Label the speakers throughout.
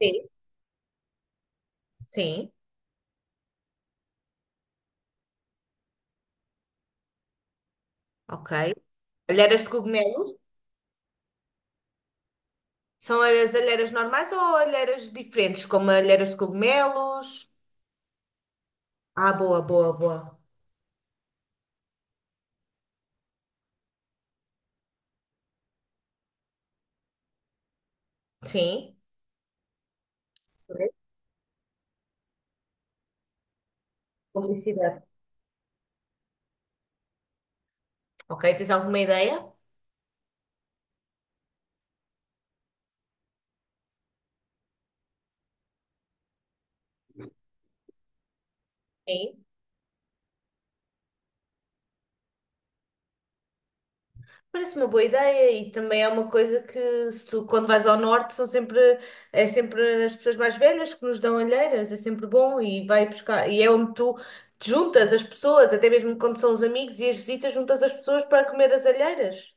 Speaker 1: Sim, sim, ok. Alheiras de cogumelo? São as alheiras normais ou alheiras diferentes, como alheiras de cogumelos? Ah, boa, boa, boa. Sim. Ok, publicidade. Ok, tens alguma ideia? Sim. Parece uma boa ideia, e também é uma coisa que, se tu, quando vais ao norte, são sempre, é sempre as pessoas mais velhas que nos dão alheiras, é sempre bom e vai buscar, e é onde tu te juntas as pessoas, até mesmo quando são os amigos e as visitas, juntas as pessoas para comer as alheiras.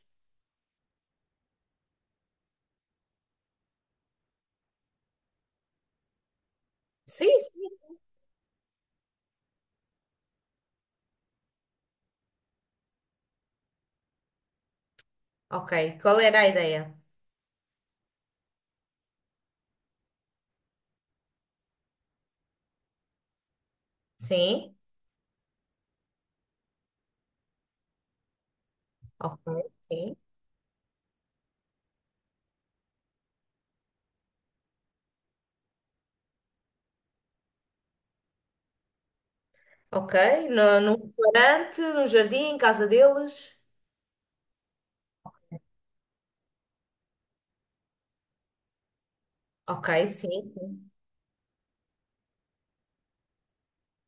Speaker 1: Sim. Ok. Qual era a ideia? Sim. Ok. Sim. Ok. No, num restaurante, num jardim, em casa deles. Ok, sim. Sim.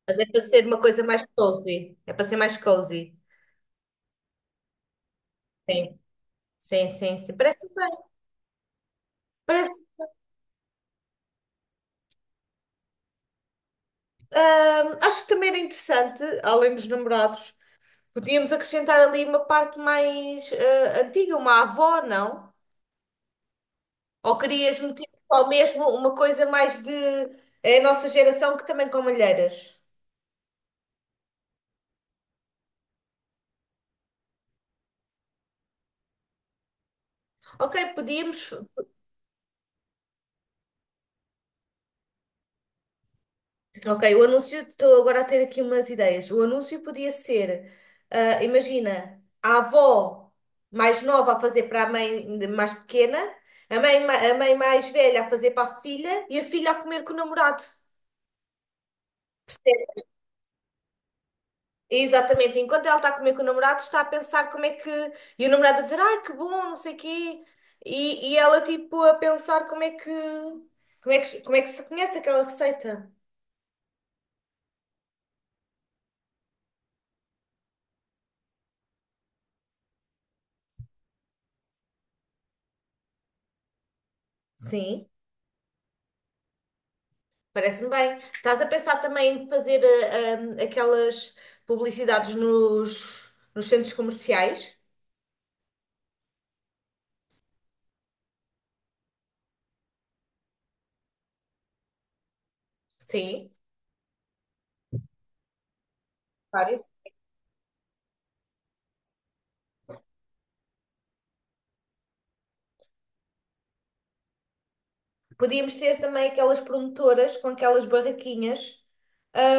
Speaker 1: Mas é para ser uma coisa mais cozy. É para ser mais cozy. Sim. Sim, sim, sim, parece bem. Parece, acho que também era interessante, além dos namorados, podíamos acrescentar ali uma parte mais antiga, uma avó, não? Ou querias meter só mesmo uma coisa mais de é a nossa geração que também com malheiras? Ok, podíamos. Ok, o anúncio, estou agora a ter aqui umas ideias. O anúncio podia ser, ah, imagina, a avó mais nova a fazer para a mãe ainda mais pequena, a mãe, a mãe mais velha a fazer para a filha e a filha a comer com o namorado. Exatamente, enquanto ela está a comer com o namorado, está a pensar como é que. E o namorado a dizer, ai que bom, não sei o quê. E ela tipo a pensar como é que. Como é que, como é que se conhece aquela receita. Sim. Parece-me bem. Estás a pensar também em fazer ah, ah, aquelas publicidades nos centros comerciais? Sim. Várias. Podíamos ter também aquelas promotoras com aquelas barraquinhas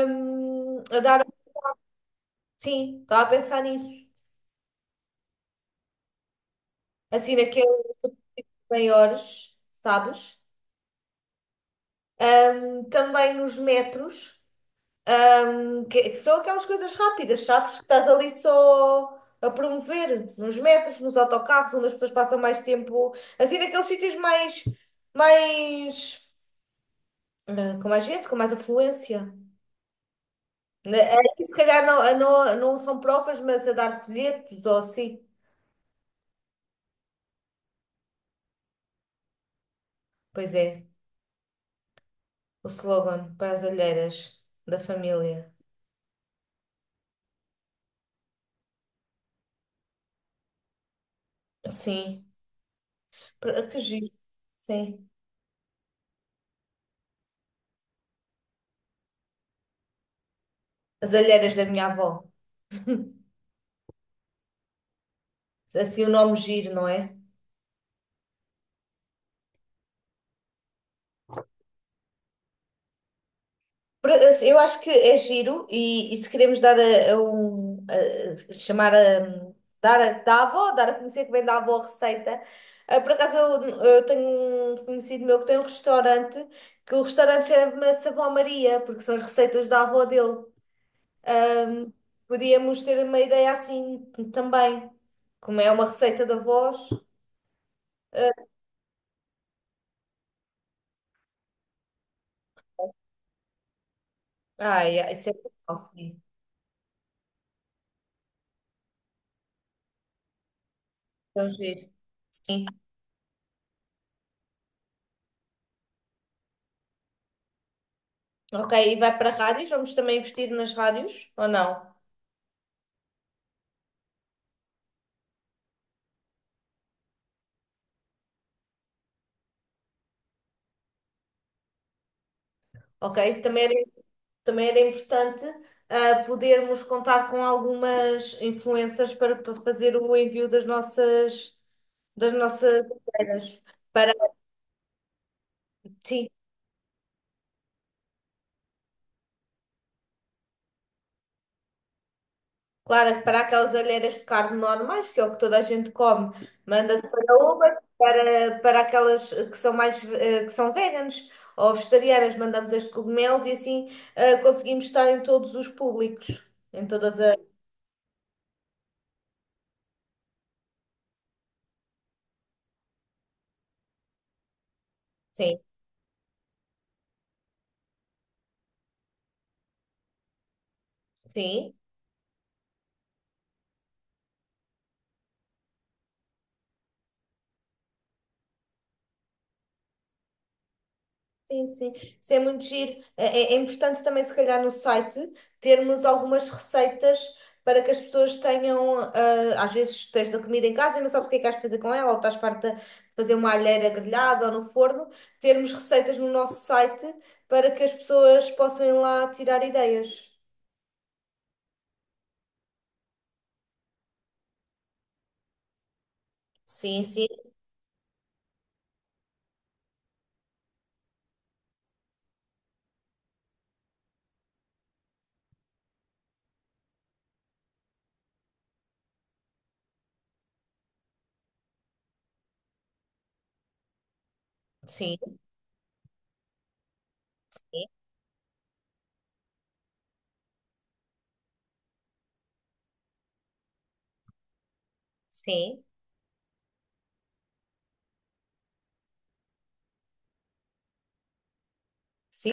Speaker 1: a dar. Sim, estava a pensar nisso. Assim, naqueles maiores, sabes? Também nos metros. Que são aquelas coisas rápidas, sabes? Que estás ali só a promover nos metros, nos autocarros, onde as pessoas passam mais tempo, assim, naqueles sítios mais, mais, ah, com mais gente, com mais afluência. Aí, se calhar não, ah, não, não são provas, mas a dar folhetos ou assim. Pois é, o slogan para as alheiras da família. Sim, que giro, sim. As alheiras da minha avó. Assim o nome giro, não é? Assim, eu acho que é giro, e se queremos dar a um chamar a dar a da avó, dar a conhecer que vem da avó a receita. Ah, por acaso eu tenho um conhecido meu que tem um restaurante, que o restaurante chama-se Avó Maria, porque são as receitas da avó dele. Ahm, podíamos ter uma ideia assim também, como é uma receita da avós. Ah, ai, isso é bom, sim. Então, giro. Sim. Ok, e vai para rádios? Vamos também investir nas rádios ou não? Ok? Também era importante ah, podermos contar com algumas influências para, para fazer o envio das nossas alheiras. Para, sim, claro, para aquelas alheiras de carne normais, que é o que toda a gente come, manda-se para umas, para, para aquelas que são mais, eh, que são veganas ou vegetarianas, mandamos as de cogumelos e assim ah, conseguimos estar em todos os públicos, em todas as... Sim, sim. Sim, sim. Isso é muito giro. É, é importante também, se calhar, no site, termos algumas receitas para que as pessoas tenham. Ah, às vezes tens da comida em casa e não sabes o que é que has de fazer com ela, ou estás farta de fazer uma alheira grelhada ou no forno. Termos receitas no nosso site para que as pessoas possam ir lá tirar ideias. Sim, sim, sim, sim, sim. Sim.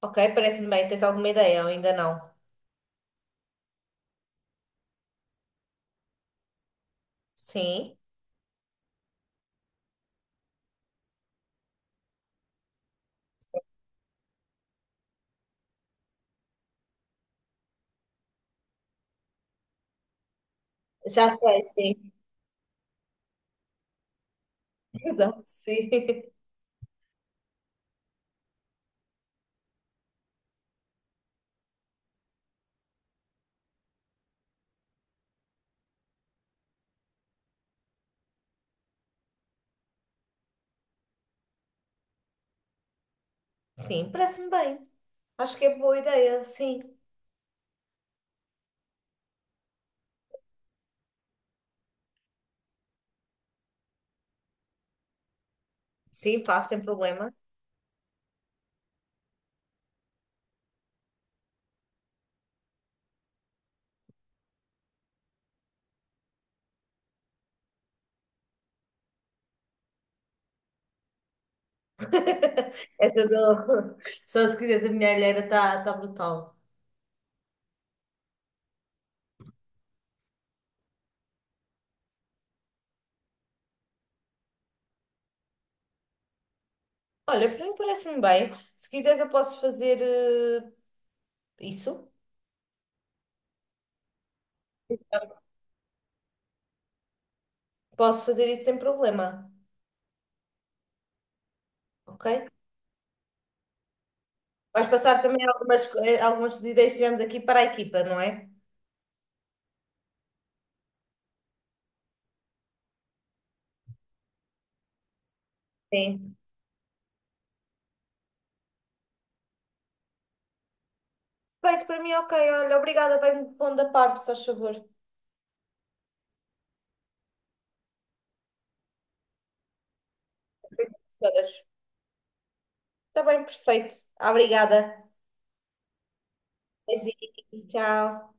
Speaker 1: Ok, parece-me bem. Tens alguma ideia ou ainda não? Sim. Já sei, sim. Exato, sim. Sim, parece-me bem. Acho que é boa ideia, sim. Sim, faço sem problema. Essa do... Só se quiseres a minha alheira está tá tá brutal. Olha, para mim parece-me bem. Se quiseres eu posso fazer isso. Posso fazer isso sem problema, ok? Vais passar também algumas, algumas ideias que tivemos aqui para a equipa, não é? Sim. Perfeito, para mim ok. Olha, obrigada. Vai-me pondo a par, se faz favor. Coisas todas. Está bem, perfeito. Obrigada. Beijinhos, tchau.